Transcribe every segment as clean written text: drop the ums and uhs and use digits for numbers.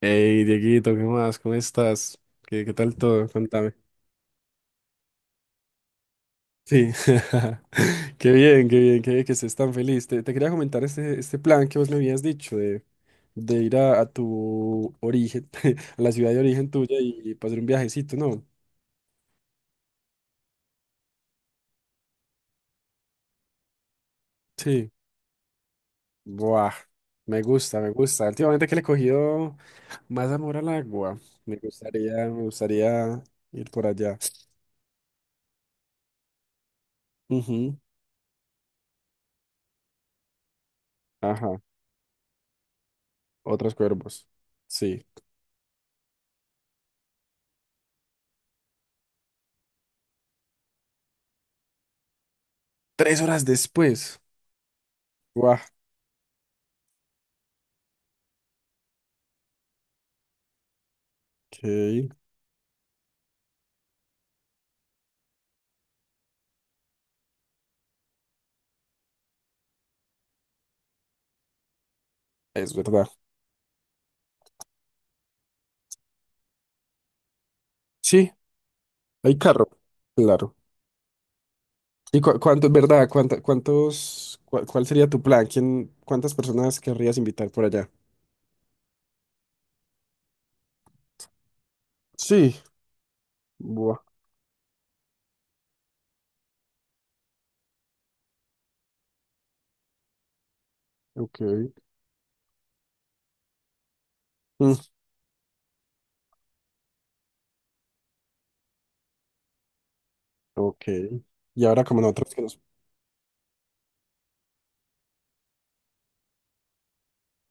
Hey, Dieguito, ¿qué más? ¿Cómo estás? ¿Qué tal todo? Contame. Sí, qué bien, qué bien, qué bien que estés tan feliz. Te quería comentar este plan que vos me habías dicho de ir a tu origen, a la ciudad de origen tuya y pasar un viajecito, ¿no? Sí. Buah, me gusta, me gusta. Últimamente que le he cogido más amor al agua. Me gustaría ir por allá. Ujú. Ajá, otros cuervos. Sí. Tres horas después. Ok, es verdad. Sí, hay carro, claro. ¿Y cuánto, verdad, cuál sería tu plan? ¿Quién, cuántas personas querrías invitar por allá? Sí, buah, ok. Mm, ok. Y ahora como nosotros que nos...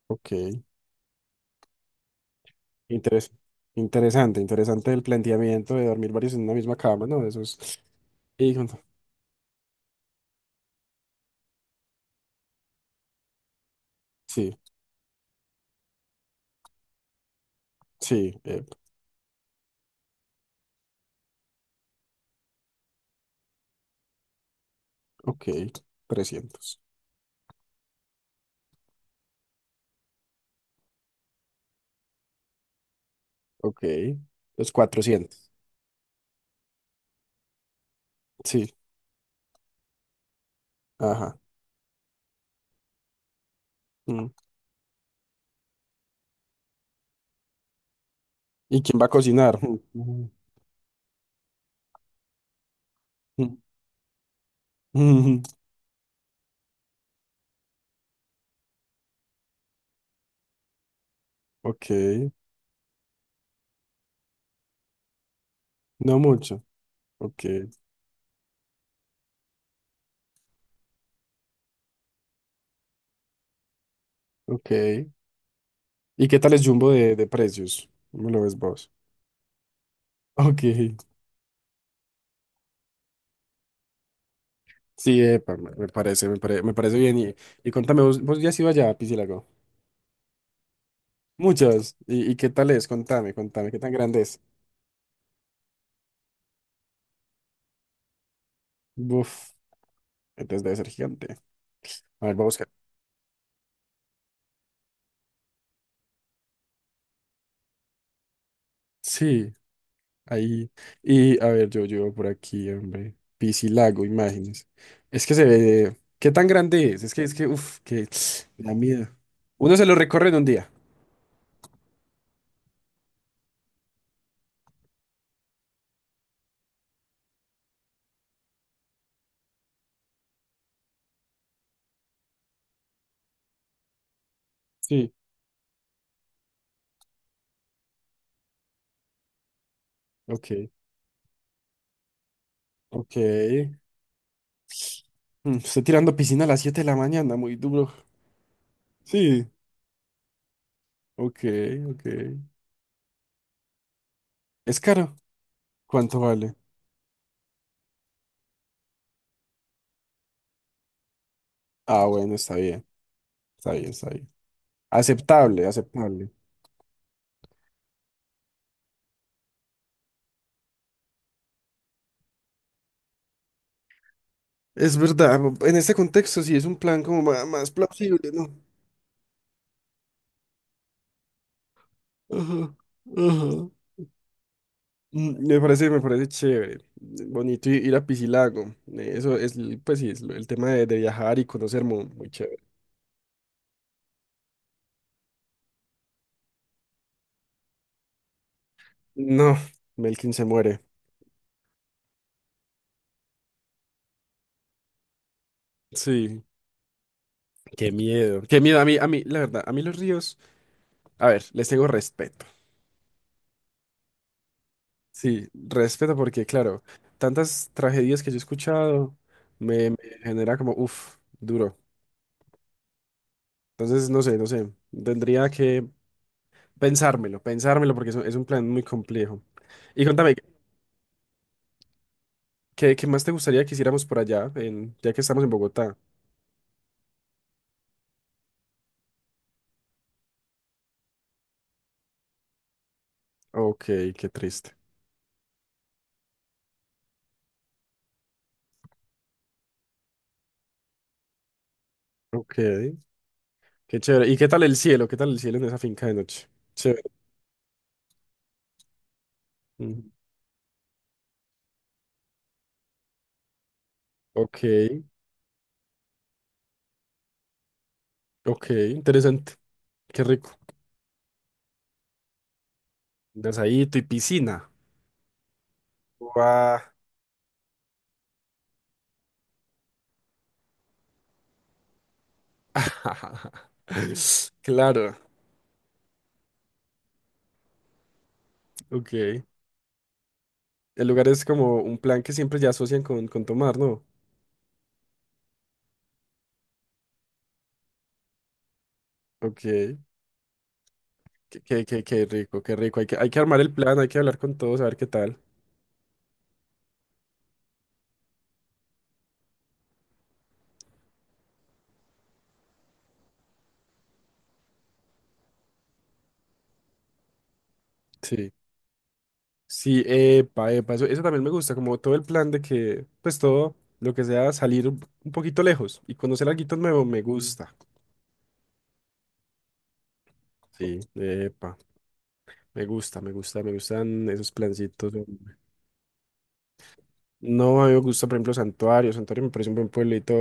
Ok, interes- interesante, interesante el planteamiento de dormir varios en una misma cama, ¿no? Eso es... Y Sí, sí, eh, ok, 300. Ok, los 400. Sí, ajá. Mm. ¿Y quién va a cocinar? Mm, mm, mm. Ok, no mucho. Ok, ok. ¿Y qué tal es Jumbo de precios? ¿Cómo lo ves vos? Ok, sí, epa, me parece bien. Y contame, ¿vos ya has ido allá a Piscilago? Muchas. Y qué tal es? Contame, contame, ¿qué tan grande es? Buf, entonces debe ser gigante. A ver, voy a buscar. Sí. Ahí, y a ver, yo llevo por aquí, hombre. Piscilago, imágenes. Es que se ve. ¿Qué tan grande es? Es que, uff, que me da miedo. Uno se lo recorre en un día. Sí. Ok, ok. Mm, estoy tirando piscina a las 7 de la mañana, muy duro. Sí, ok, ok. ¿Es caro? ¿Cuánto vale? Ah, bueno, está bien, está bien, está bien. Aceptable, aceptable. Es verdad, en este contexto sí es un plan como más plausible, ¿no? Ajá, ajá. Mm, me parece, me parece chévere, bonito ir a Piscilago. Eh, eso es, pues sí, es el tema de viajar y conocer muy muy, chévere. No, Melkin se muere. Sí, qué miedo. Qué miedo. A mí, la verdad, a mí los ríos, a ver, les tengo respeto. Sí, respeto porque, claro, tantas tragedias que yo he escuchado me genera como, uff, duro. Entonces, no sé, no sé. Tendría que pensármelo, pensármelo porque es un plan muy complejo. Y contame, ¿qué más te gustaría que hiciéramos por allá, ya que estamos en Bogotá? Ok, qué triste. Ok, qué chévere. ¿Y qué tal el cielo? ¿Qué tal el cielo en esa finca de noche? Chévere. Ujú. Ok, ok, interesante. Qué rico. Un asadito y piscina. Guau. Claro, ok. El lugar es como un plan que siempre ya asocian con tomar, ¿no? Ok, qué rico, qué rico. Hay que armar el plan, hay que hablar con todos, a ver qué tal. Sí. Sí, epa, epa, eso también me gusta, como todo el plan de que, pues todo lo que sea salir un poquito lejos y conocer algo nuevo, me gusta. Sí, epa, me gusta, me gusta, me gustan esos plancitos. No, a mí me gusta, por ejemplo, Santuario. Santuario me parece un buen pueblito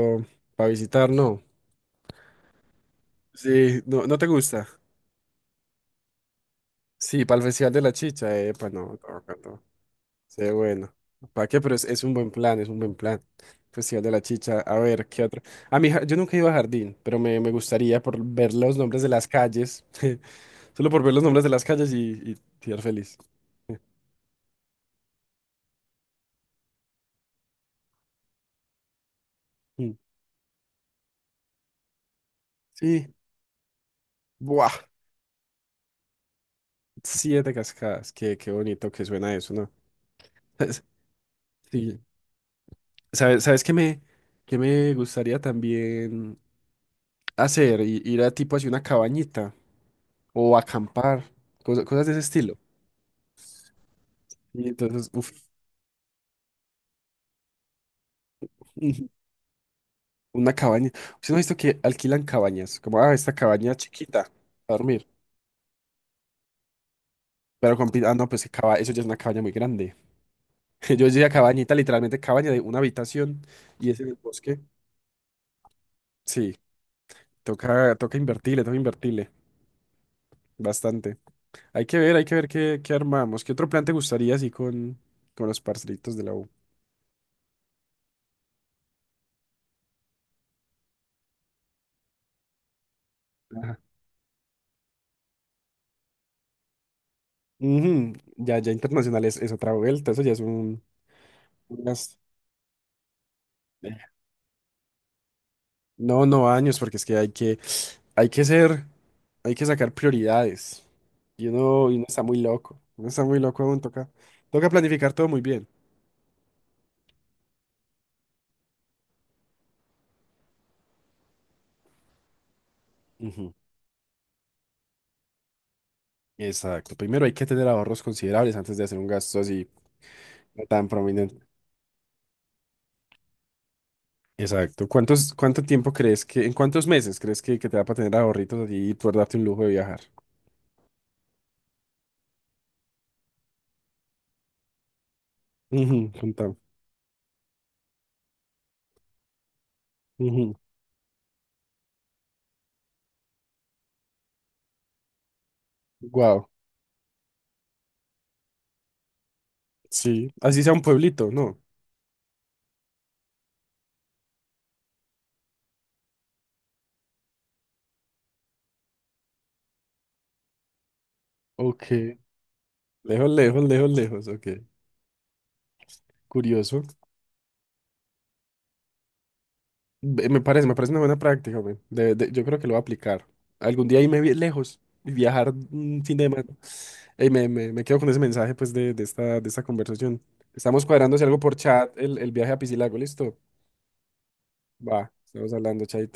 para visitar, no. Sí, no, no te gusta. Sí, para el Festival de la Chicha, epa, no, no, no. Sí, bueno. ¿Para qué? Pero es un buen plan, es un buen plan. Festival de la Chicha. A ver, ¿qué otro? A mí, yo nunca he ido a Jardín, pero me gustaría por ver los nombres de las calles. Solo por ver los nombres de las calles y ser feliz. Mm. Sí. Buah. 7 cascadas. Qué, qué bonito que suena eso, ¿no? Sí. ¿Sabes, sabes qué me gustaría también hacer? Ir a tipo así una cabañita o acampar, cosas de ese estilo. Y entonces, uff. Una cabaña. ¿Usted no ha visto que alquilan cabañas? Como, ah, esta cabaña chiquita, a dormir. Pero con... Ah, no, pues que eso ya es una cabaña muy grande. Yo decía cabañita, literalmente cabaña de una habitación y es en el bosque. Sí, toca, toca invertirle, toca invertirle. Bastante. Hay que ver qué, qué armamos. ¿Qué otro plan te gustaría así con los parcelitos de la U? Ajá. Ujú, ya internacional es otra vuelta. Eso ya es un gasto. No, no años, porque es que hay que, hay que ser. Hay que sacar prioridades. Y uno está muy loco. Uno está muy loco aún, toca, toca planificar todo muy bien. Ujú, exacto. Primero hay que tener ahorros considerables antes de hacer un gasto así no tan prominente. Exacto. ¿Cuánto tiempo crees que, en cuántos meses crees que te va para tener ahorritos allí y poder darte un lujo de viajar? Ujú, contame. Wow. Sí. Así sea un pueblito, ¿no? Ok. Lejos, lejos, lejos, lejos. Ok. Curioso. Me parece una buena práctica, güey. Yo creo que lo voy a aplicar. Algún día irme lejos y viajar mm, fin de semana. Ey, me quedo con ese mensaje, pues, de esta conversación. Estamos cuadrando, si algo por chat, el viaje a Piscilago, ¿listo? Va, estamos hablando, chaito.